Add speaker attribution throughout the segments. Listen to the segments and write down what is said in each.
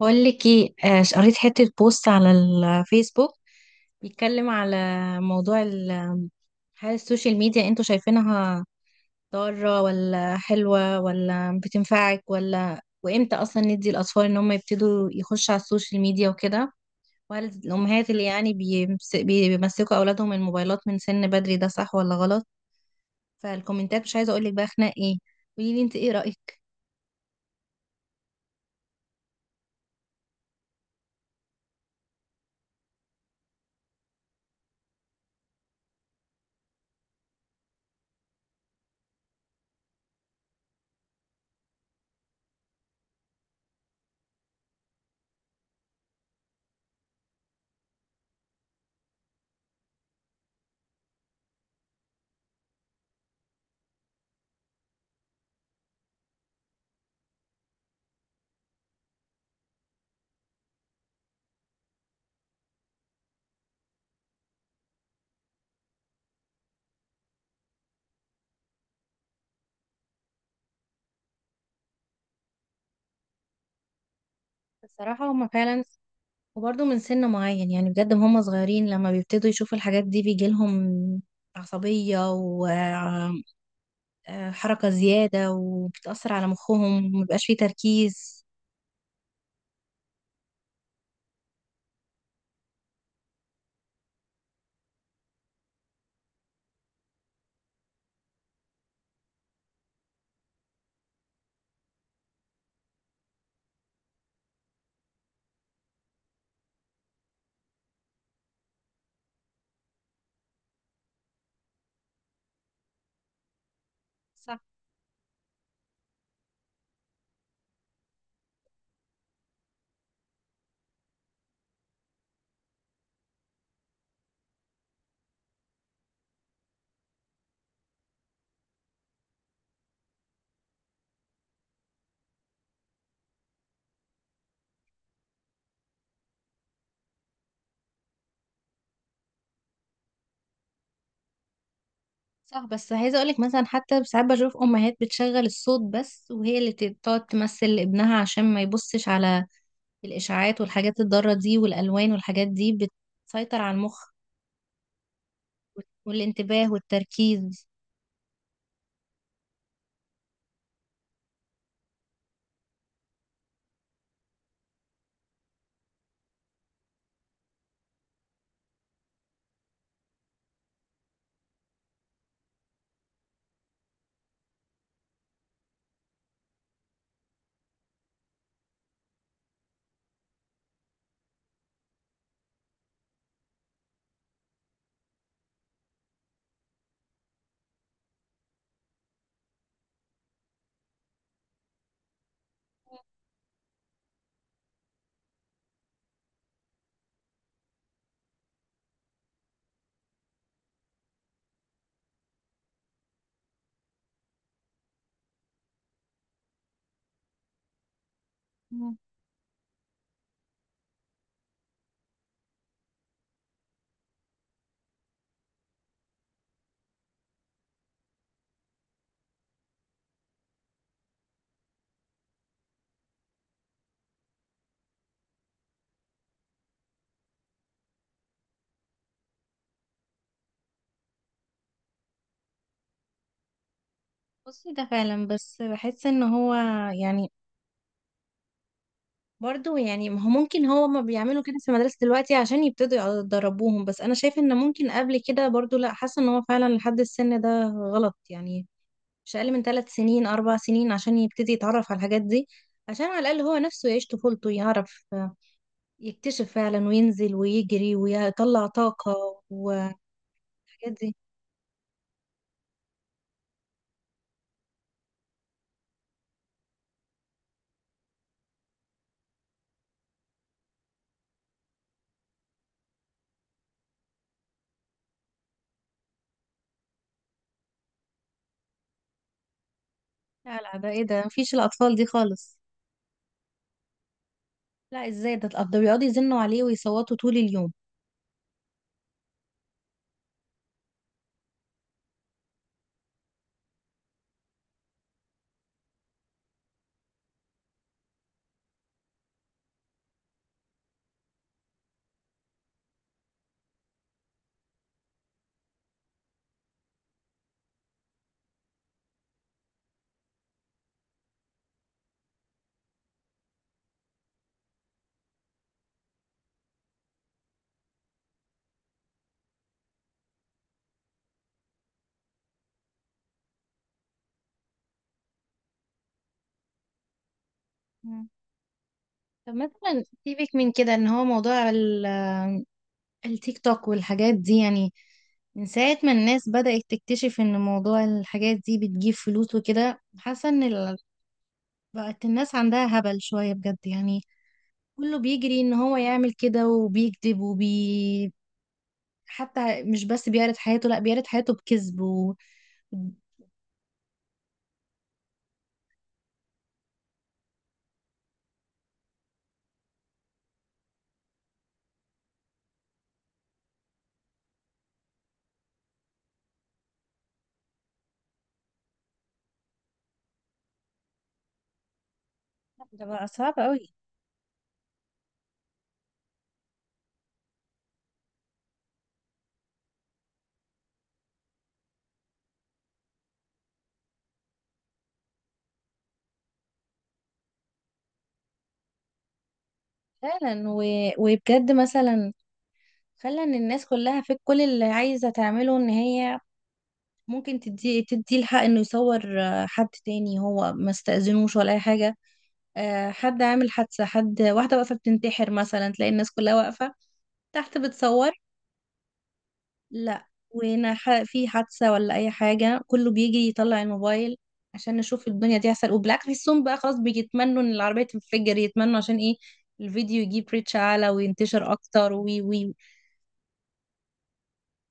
Speaker 1: بقول لك ايه، قريت حتة بوست على الفيسبوك بيتكلم على موضوع هل السوشيال ميديا انتوا شايفينها ضارة ولا حلوة ولا بتنفعك ولا، وامتى اصلا ندي الاطفال ان هم يبتدوا يخشوا على السوشيال ميديا وكده، وهل الامهات اللي يعني بيمسكوا اولادهم الموبايلات من سن بدري ده صح ولا غلط؟ فالكومنتات مش عايزة اقول لك بقى خناق ايه! قولي لي انت ايه رأيك؟ بصراحة هما فعلا، وبرضه من سن معين يعني بجد هم صغيرين لما بيبتدوا يشوفوا الحاجات دي بيجيلهم عصبية وحركة زيادة وبتأثر على مخهم ومبيبقاش فيه تركيز. صح، صح. بس عايزة أقولك مثلا، حتى ساعات بشوف أمهات بتشغل الصوت بس وهي اللي تقعد تمثل لابنها عشان ما يبصش على الإشاعات والحاجات الضارة دي، والألوان والحاجات دي بتسيطر على المخ والانتباه والتركيز. مم. بصي ده فعلا، بس بحس ان هو يعني برضو يعني ما هو ممكن، هو ما بيعملوا كده في المدرسة دلوقتي عشان يبتدوا يدربوهم، بس أنا شايفة إن ممكن قبل كده برضو لأ، حاسة إن هو فعلا لحد السن ده غلط يعني. مش أقل من 3 سنين 4 سنين عشان يبتدي يتعرف على الحاجات دي، عشان على الأقل هو نفسه يعيش طفولته، يعرف يكتشف فعلا وينزل ويجري ويطلع طاقة والحاجات دي. لا، لا، ده إيه ده؟ مفيش الأطفال دي خالص. لا، إزاي ده ده بيقعدوا يزنوا عليه ويصوتوا طول اليوم. مم. طب مثلا سيبك من كده، ان هو موضوع التيك توك والحاجات دي يعني، من ساعة ما الناس بدأت تكتشف ان موضوع الحاجات دي بتجيب فلوس وكده، حاسة ان بقت الناس عندها هبل شوية بجد يعني. كله بيجري ان هو يعمل كده وبيكذب حتى مش بس بيعرض حياته، لا بيعرض حياته بكذب. ده بقى صعب قوي. فعلا، وبجد مثلا خلى ان الناس كلها في كل اللي عايزة تعمله، ان هي ممكن تدي الحق انه يصور، حد تاني هو ما استأذنوش ولا اي حاجه. حد عامل حادثه، حد، واحده واقفه بتنتحر مثلا تلاقي الناس كلها واقفه تحت بتصور. لا وهنا في حادثه ولا اي حاجه كله بيجي يطلع الموبايل عشان نشوف الدنيا دي هيحصل. وبالعكس بيحسهم بقى خلاص، بيتمنوا ان العربيه تنفجر، يتمنوا عشان ايه؟ الفيديو يجيب ريتش اعلى وينتشر اكتر. وي وي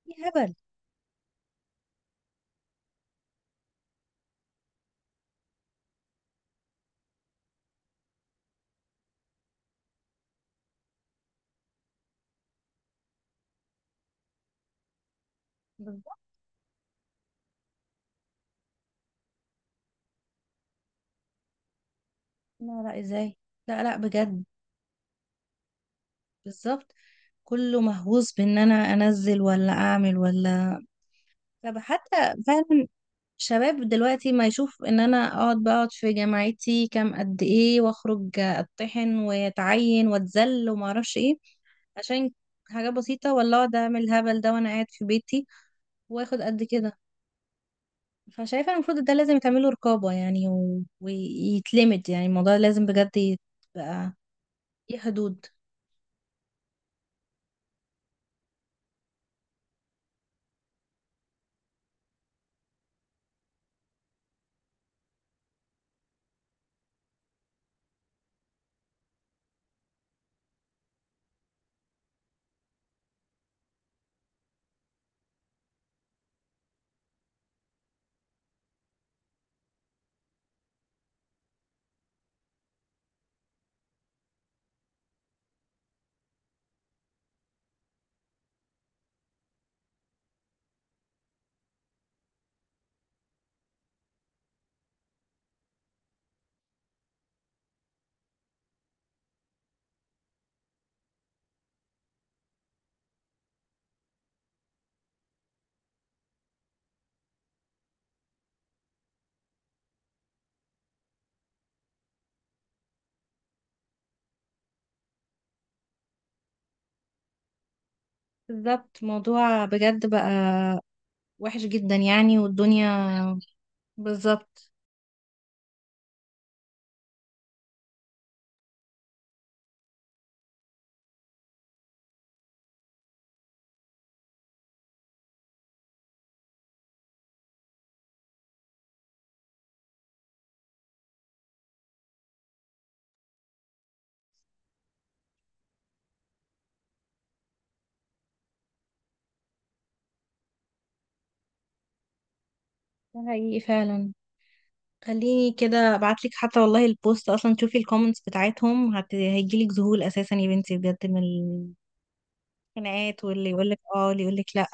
Speaker 1: في هبل. بالظبط. لا، لا، ازاي؟ لا، لا، بجد. بالظبط. كله مهووس بان انا انزل ولا اعمل ولا. طب حتى فعلا، شباب دلوقتي ما يشوف ان انا اقعد بقعد في جامعتي كام قد ايه، واخرج اتطحن واتعين واتذل وما اعرفش ايه عشان حاجة بسيطة، ولا اقعد اعمل الهبل ده وانا قاعد في بيتي واخد قد كده. فشايفة المفروض ده لازم يتعمله رقابة يعني، ويتلمد، يعني الموضوع لازم بجد يبقى ليه حدود. بالظبط. موضوع بجد بقى وحش جدا يعني والدنيا. بالظبط. ده حقيقي فعلا. خليني كده ابعتلك حتى، والله البوست اصلا تشوفي الكومنتس بتاعتهم هيجيلك ذهول اساسا يا بنتي بجد، من الخناقات واللي يقولك اه واللي يقولك لا.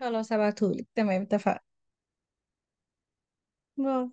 Speaker 1: خلاص، هبعتهولك. تمام، اتفقنا. باي.